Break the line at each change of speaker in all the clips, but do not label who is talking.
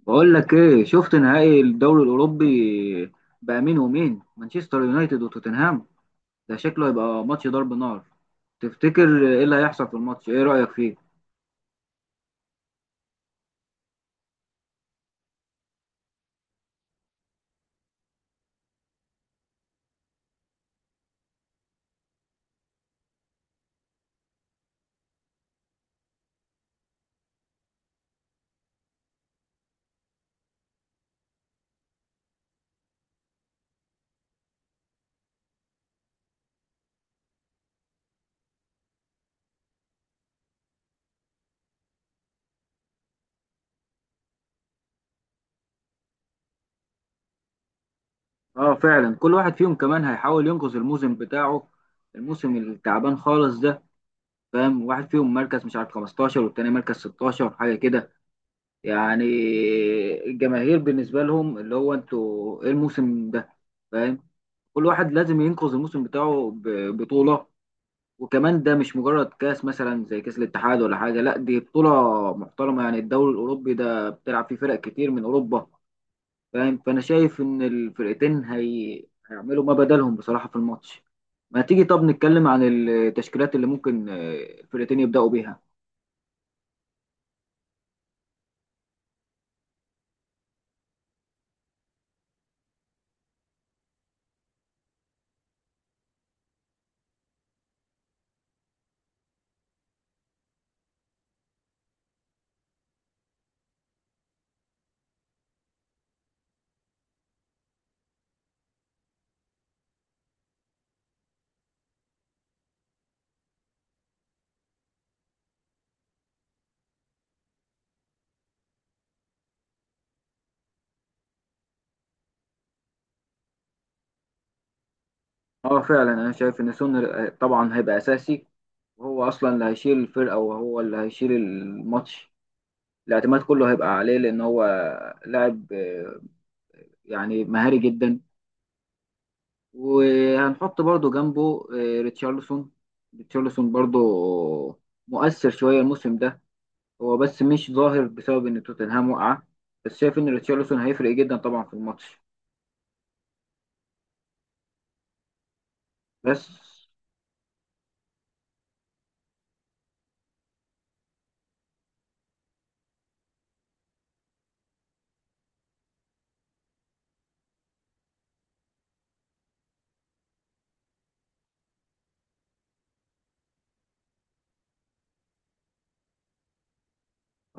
بقول لك ايه، شفت نهائي الدوري الاوروبي بقى مين ومين؟ مانشستر يونايتد وتوتنهام. ده شكله هيبقى ماتش ضرب نار. تفتكر ايه اللي هيحصل في الماتش؟ ايه رأيك فيه؟ اه فعلا، كل واحد فيهم كمان هيحاول ينقذ الموسم بتاعه، الموسم التعبان خالص ده. فاهم؟ واحد فيهم مركز مش عارف 15 والتاني مركز 16 حاجة كده، يعني الجماهير بالنسبة لهم اللي هو انتوا ايه الموسم ده؟ فاهم؟ كل واحد لازم ينقذ الموسم بتاعه ببطولة. وكمان ده مش مجرد كاس مثلا زي كاس الاتحاد ولا حاجه، لا دي بطوله محترمه، يعني الدوري الاوروبي ده بتلعب فيه فرق كتير من اوروبا. فاهم؟ فانا شايف ان هيعملوا ما بدلهم بصراحه في الماتش. ما تيجي طب نتكلم عن التشكيلات اللي ممكن الفرقتين يبداوا بيها. اه فعلا، انا شايف ان سون طبعا هيبقى اساسي، وهو اصلا اللي هيشيل الفرقه وهو اللي هيشيل الماتش. الاعتماد كله هيبقى عليه، لان هو لاعب يعني مهاري جدا. وهنحط برضو جنبه ريتشارلسون. ريتشارلسون برضو مؤثر شوية الموسم ده، هو بس مش ظاهر بسبب ان توتنهام وقع. بس شايف ان ريتشارلسون هيفرق جدا طبعا في الماتش. بس.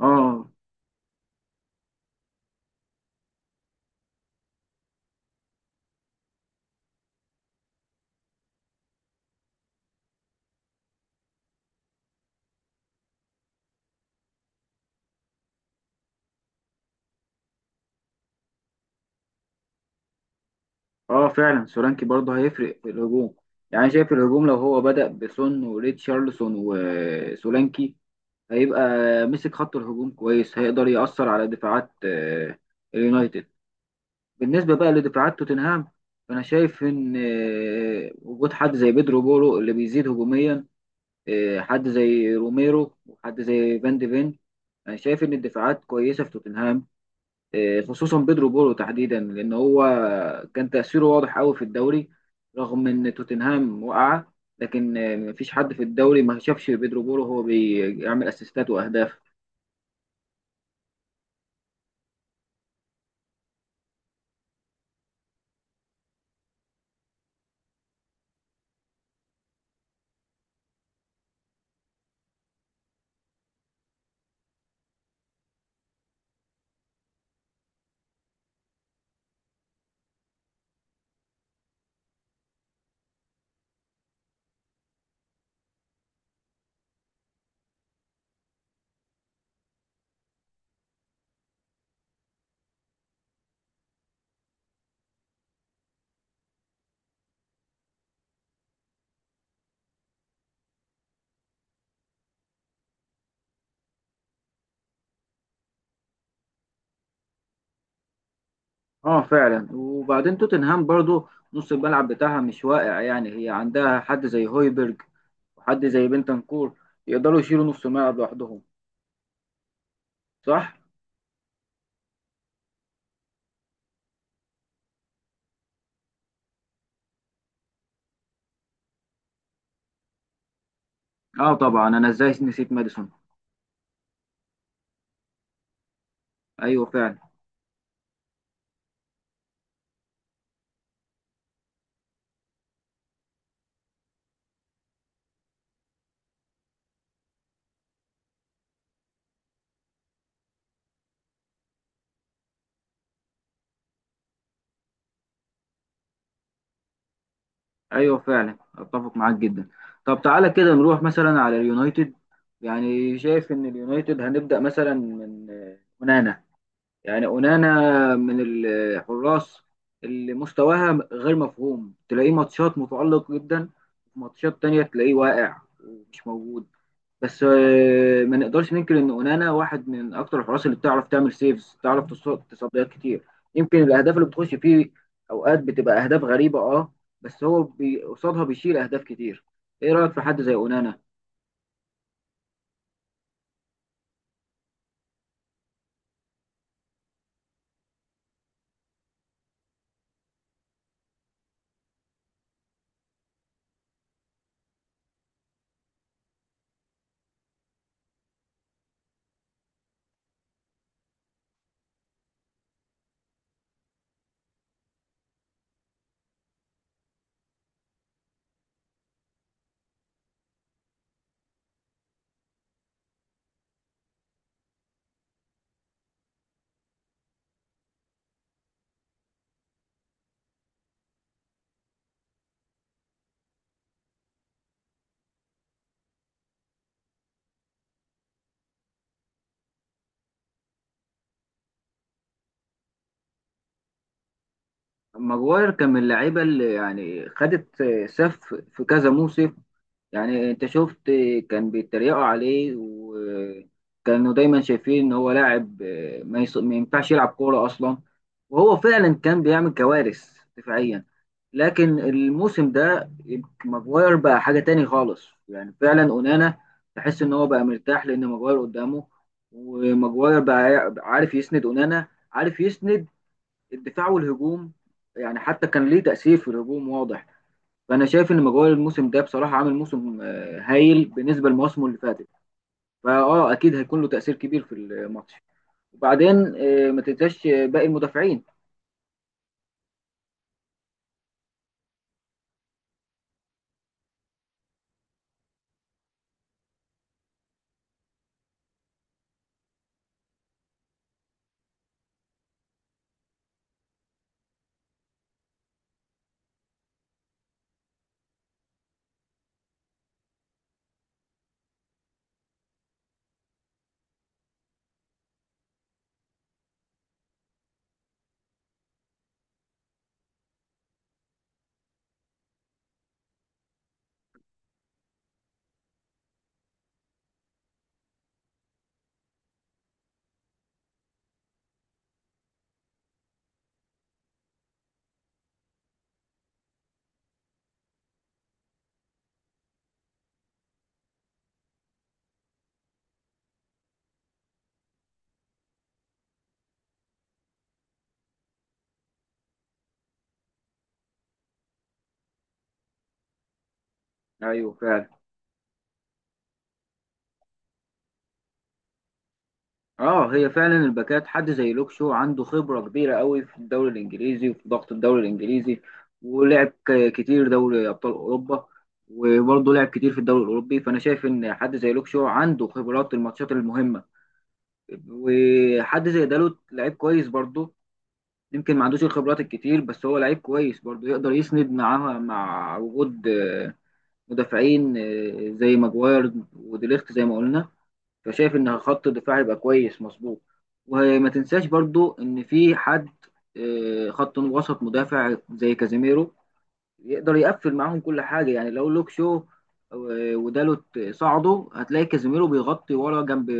اه، اه فعلا، سولانكي برضو هيفرق في الهجوم. يعني شايف الهجوم لو هو بدأ بسون وريتشارلسون وسولانكي، هيبقى مسك خط الهجوم كويس، هيقدر يأثر على دفاعات اليونايتد. بالنسبة بقى لدفاعات توتنهام، فأنا شايف إن وجود حد زي بيدرو بورو اللي بيزيد هجوميا، حد زي روميرو وحد زي فان دي فين، أنا شايف إن الدفاعات كويسة في توتنهام. خصوصا بيدرو بورو تحديدا، لأن هو كان تأثيره واضح قوي في الدوري رغم إن توتنهام وقع. لكن مفيش حد في الدوري ما شافش بيدرو بورو هو بيعمل أسيستات وأهداف. اه فعلا، وبعدين توتنهام برضو نص الملعب بتاعها مش واقع، يعني هي عندها حد زي هويبرج وحد زي بنتنكور يقدروا يشيلوا نص الملعب لوحدهم. صح؟ اه طبعا، انا ازاي نسيت ماديسون. ايوه فعلا. ايوه فعلا، اتفق معاك جدا. طب تعالى كده نروح مثلا على اليونايتد. يعني شايف ان اليونايتد هنبدأ مثلا من ونانا، يعني اونانا، من الحراس اللي مستواها غير مفهوم، تلاقيه ماتشات متألق جدا، ماتشات تانية تلاقيه واقع ومش موجود. بس ما نقدرش ننكر ان اونانا واحد من اكتر الحراس اللي بتعرف تعمل سيفز، بتعرف تصديات كتير. يمكن الاهداف اللي بتخش فيه اوقات بتبقى اهداف غريبة اه، بس هو قصادها بيشيل اهداف كتير. ايه رأيك في حد زي اونانا؟ ماجواير كان من اللعيبة اللي يعني خدت سف في كذا موسم. يعني انت شفت، كان بيتريقوا عليه وكانوا دايما شايفين ان هو لاعب ما, يص... ما ينفعش يلعب كورة اصلا، وهو فعلا كان بيعمل كوارث دفاعيا. لكن الموسم ده ماجواير بقى حاجة تاني خالص. يعني فعلا اونانا تحس ان هو بقى مرتاح لان ماجواير قدامه. وماجواير بقى عارف يسند اونانا، عارف يسند الدفاع والهجوم، يعني حتى كان ليه تأثير في الهجوم واضح. فانا شايف ان مجوال الموسم ده بصراحه عامل موسم هايل بالنسبه لمواسمه اللي فاتت. فاه اكيد هيكون له تاثير كبير في الماتش. وبعدين ما تنساش باقي المدافعين. ايوه فعلا. اه هي فعلا الباكات، حد زي لوكشو عنده خبره كبيره قوي في الدوري الانجليزي وفي ضغط الدوري الانجليزي. ولعب كتير دوري ابطال اوروبا، وبرضه لعب كتير في الدوري الاوروبي. فانا شايف ان حد زي لوكشو عنده خبرات الماتشات المهمه. وحد زي دالوت لعيب كويس برضه، يمكن ما عندوش الخبرات الكتير، بس هو لعيب كويس برضه يقدر يسند معاها، مع وجود مدافعين زي ماجواير وديليخت زي ما قلنا. فشايف ان خط الدفاع هيبقى كويس مظبوط. وما تنساش برضه ان في حد خط وسط مدافع زي كازيميرو، يقدر يقفل معاهم كل حاجة. يعني لو لوك شو ودالوت صعدوا، هتلاقي كازيميرو بيغطي ورا جنب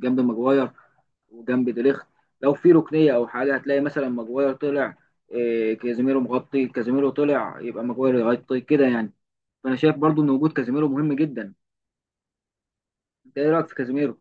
جنب ماجواير وجنب ديليخت. لو في ركنيه او حاجه هتلاقي مثلا ماجواير طلع، إيه، كازيميرو مغطي، كازيميرو طلع يبقى ماجواير يغطي كده يعني. فانا شايف برضو ان وجود كازيميرو مهم جدا. انت ايه رايك في كازيميرو؟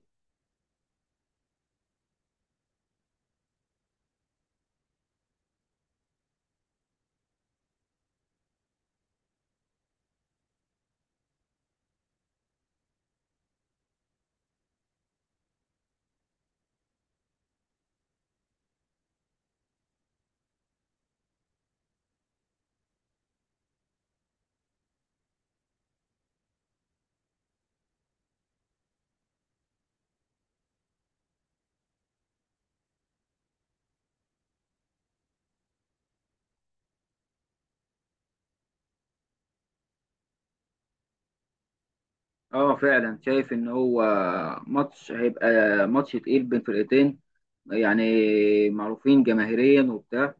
اه فعلا، شايف ان هو ماتش هيبقى ماتش تقيل بين فرقتين، يعني معروفين جماهيريا وبتاع.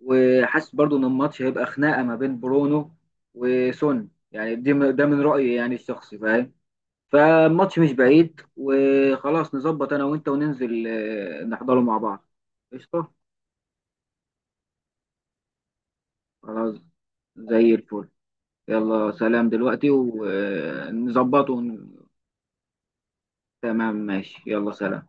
وحاسس برضو ان الماتش هيبقى خناقه ما بين برونو وسون. يعني ده من رايي يعني الشخصي، فاهم؟ فالماتش مش بعيد، وخلاص نظبط انا وانت وننزل نحضره مع بعض. قشطة. خلاص، زي الفل. يلا سلام دلوقتي ونظبطه. تمام ماشي، يلا سلام.